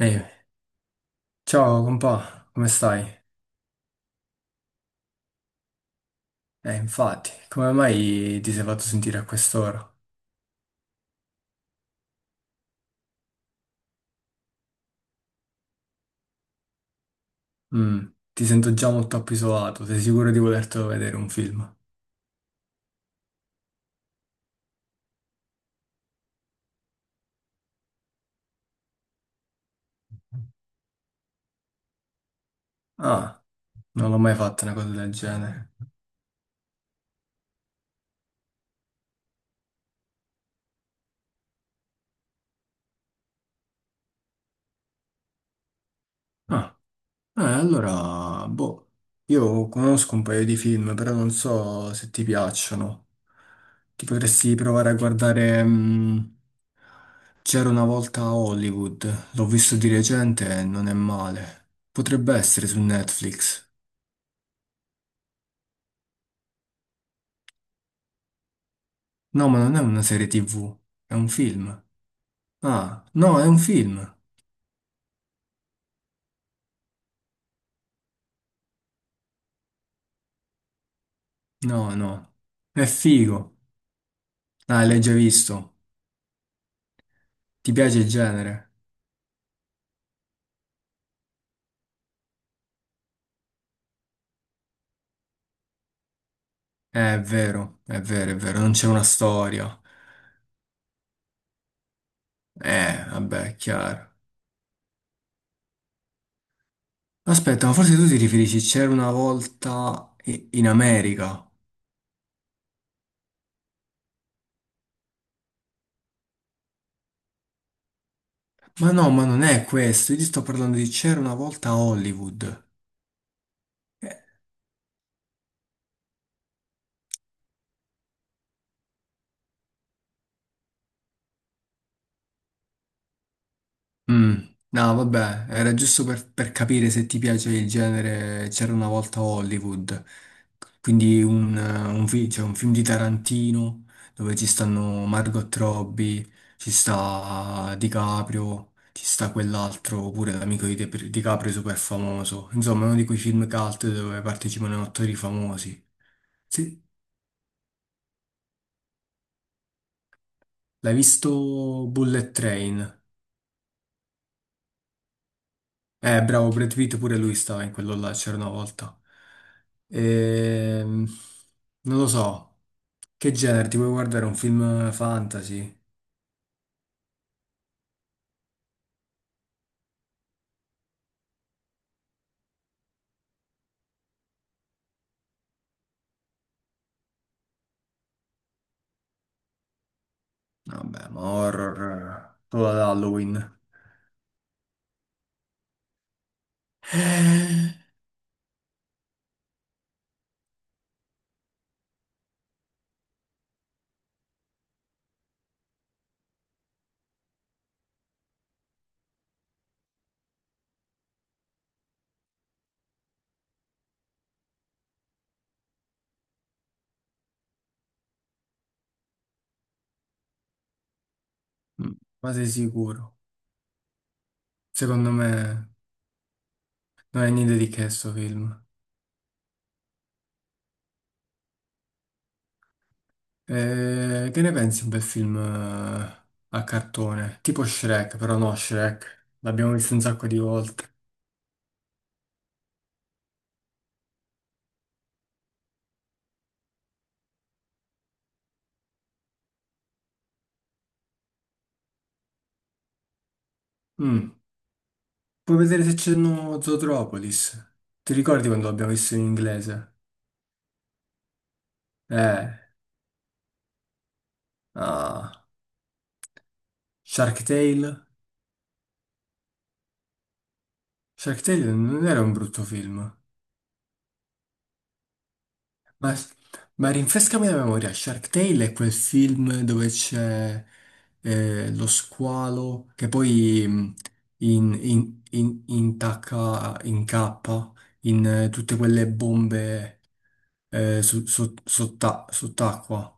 Ehi, ciao compà, come stai? Infatti, come mai ti sei fatto sentire a quest'ora? Mm, ti sento già molto appisolato, sei sicuro di volertelo vedere un film? Ah, non l'ho mai fatto una cosa del genere. Ah, eh, allora, boh, io conosco un paio di film, però non so se ti piacciono. Ti potresti provare a guardare C'era una volta a Hollywood, l'ho visto di recente e non è male. Potrebbe essere su Netflix. No, ma non è una serie TV, è un film. Ah, no, è un film. No, no, è figo. Ah, l'hai già visto. Ti piace il genere? È vero, è vero, è vero, non c'è una storia. Vabbè, chiaro. Aspetta, ma forse tu ti riferisci, c'era una volta i- in America. Ma no, ma non è questo, io ti sto parlando di c'era una volta a Hollywood. Mm, no, vabbè, era giusto per capire se ti piace il genere C'era una volta a Hollywood, quindi cioè un film di Tarantino dove ci stanno Margot Robbie, ci sta DiCaprio, ci sta quell'altro, pure l'amico di DiCaprio super famoso. Insomma, uno di quei film cult dove partecipano attori famosi. Sì, l'hai visto Bullet Train? Bravo, Brad Pitt pure lui stava in quello là, c'era una volta. Ehm, non lo so, che genere, ti vuoi guardare un film fantasy? No, vabbè, ma horror, quello ad Halloween. Eh, Ma sei sicuro? Secondo me non è niente di che sto film. Che ne pensi di un bel film a cartone? Tipo Shrek, però no Shrek, l'abbiamo visto un sacco di volte. Mm. Puoi vedere se c'è no Zootropolis. Ti ricordi quando l'abbiamo visto in inglese? Eh, ah, Shark Tale. Shark Tale non era un brutto film. Ma, ma rinfrescami la memoria, Shark Tale è quel film dove c'è lo squalo che poi incappa in tutte quelle bombe sott'acqua.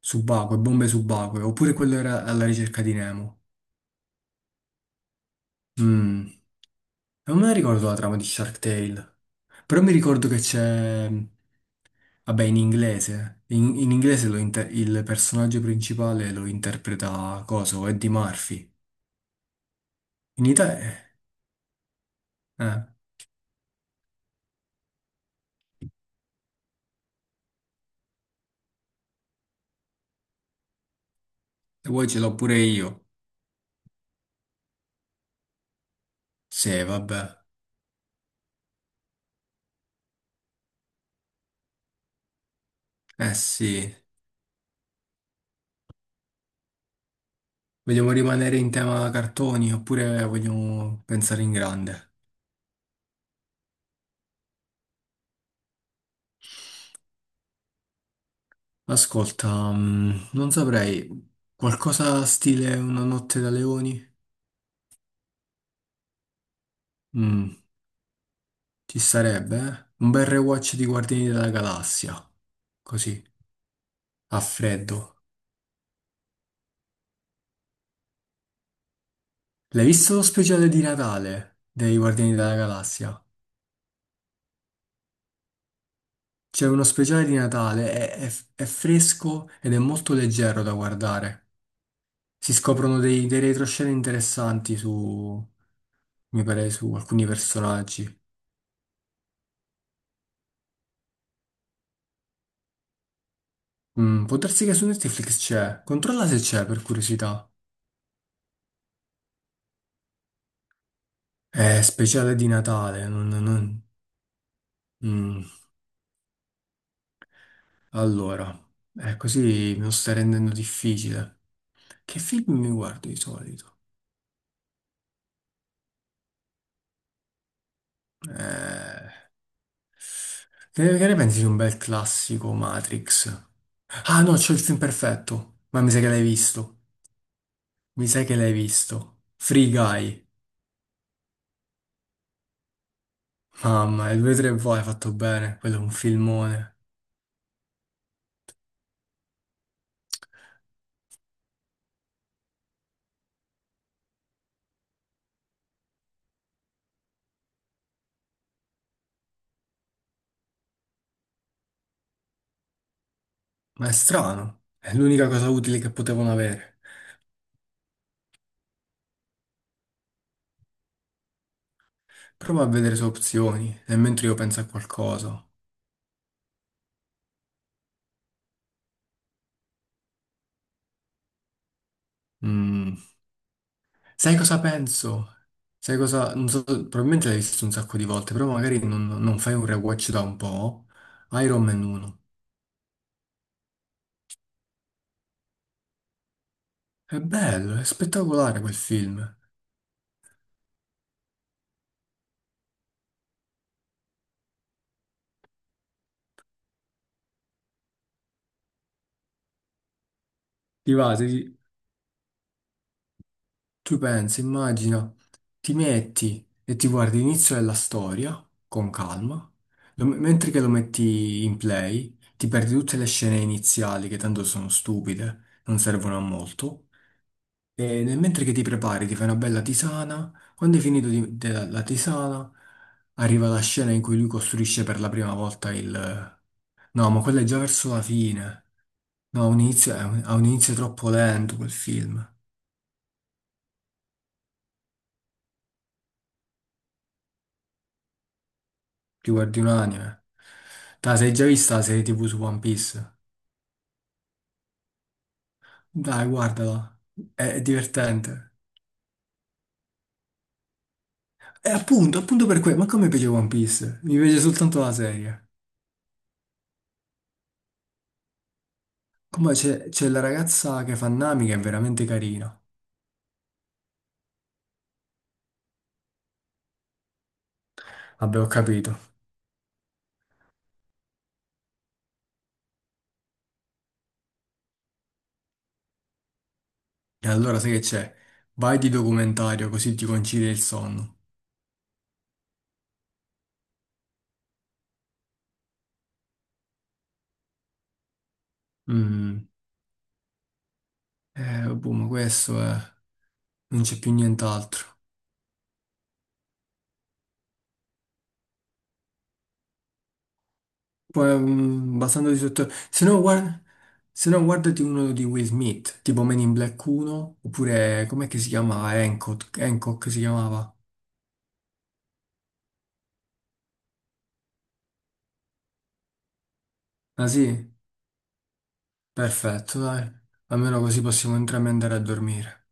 Subacquee, bombe subacquee, oppure quello era alla ricerca di Nemo. Mm, non me la ricordo la trama di Shark Tale, però mi ricordo che c'è, vabbè, in inglese, in, in inglese il personaggio principale lo interpreta, coso, Eddie Murphy. In Italia, eh, eh, se vuoi ce l'ho pure io. Sì, vabbè, eh sì, vogliamo rimanere in tema cartoni oppure vogliamo pensare in grande? Ascolta, non saprei, qualcosa stile Una notte da leoni? Mm, ci sarebbe, eh? Un bel rewatch di Guardiani della Galassia, così, a freddo. L'hai visto lo speciale di Natale dei Guardiani della Galassia? C'è uno speciale di Natale, è fresco ed è molto leggero da guardare. Si scoprono dei retroscena interessanti su, mi pare, su alcuni personaggi. Mm, può darsi che su Netflix c'è, controlla se c'è per curiosità. Speciale di Natale. Mm. Allora, così me lo sta rendendo difficile. Che film mi guardo di solito? Eh, che ne pensi di un bel classico Matrix? Ah no, c'ho il film perfetto. Ma mi sa che l'hai visto. Mi sa che l'hai visto. Free Guy. Mamma, il 2-3 voi hai fatto bene. Quello è un filmone. Ma è strano. È l'unica cosa utile che potevano avere. Prova a vedere se opzioni, nel mentre io penso a qualcosa. Mm. Sai cosa penso? Sai cosa... Non so, probabilmente l'hai visto un sacco di volte, però magari non fai un rewatch da un po'. Iron Man 1. È bello, è spettacolare quel film. Ti va, ti- tu pensi, immagina, ti metti e ti guardi l'inizio della storia, con calma, mentre che lo metti in play, ti perdi tutte le scene iniziali che tanto sono stupide, non servono a molto. Mentre che ti prepari, ti fai una bella tisana. Quando hai la tisana, arriva la scena in cui lui costruisce per la prima volta il... No, ma quella è già verso la fine. No, ha un inizio, ha un inizio troppo lento quel film. Ti guardi un anime. Dai, sei già vista la serie TV su One Piece? Dai, guardala. È divertente. E appunto, appunto per quello. Ma come piace One Piece? Mi piace soltanto la serie. Come c'è la ragazza che fa Nami che è veramente carina. Vabbè, ho capito. E allora sai che c'è? Vai di documentario così ti concidi il sonno. Mm. Boh, ma questo è... Non c'è più nient'altro. Poi, basandoti sotto... Se no, guarda... Se no, guardati uno di Will Smith, tipo Men in Black 1, oppure... Com'è che si chiamava? Hancock, Hancock si chiamava. Ah sì? Perfetto, dai. Almeno così possiamo entrambi andare a dormire.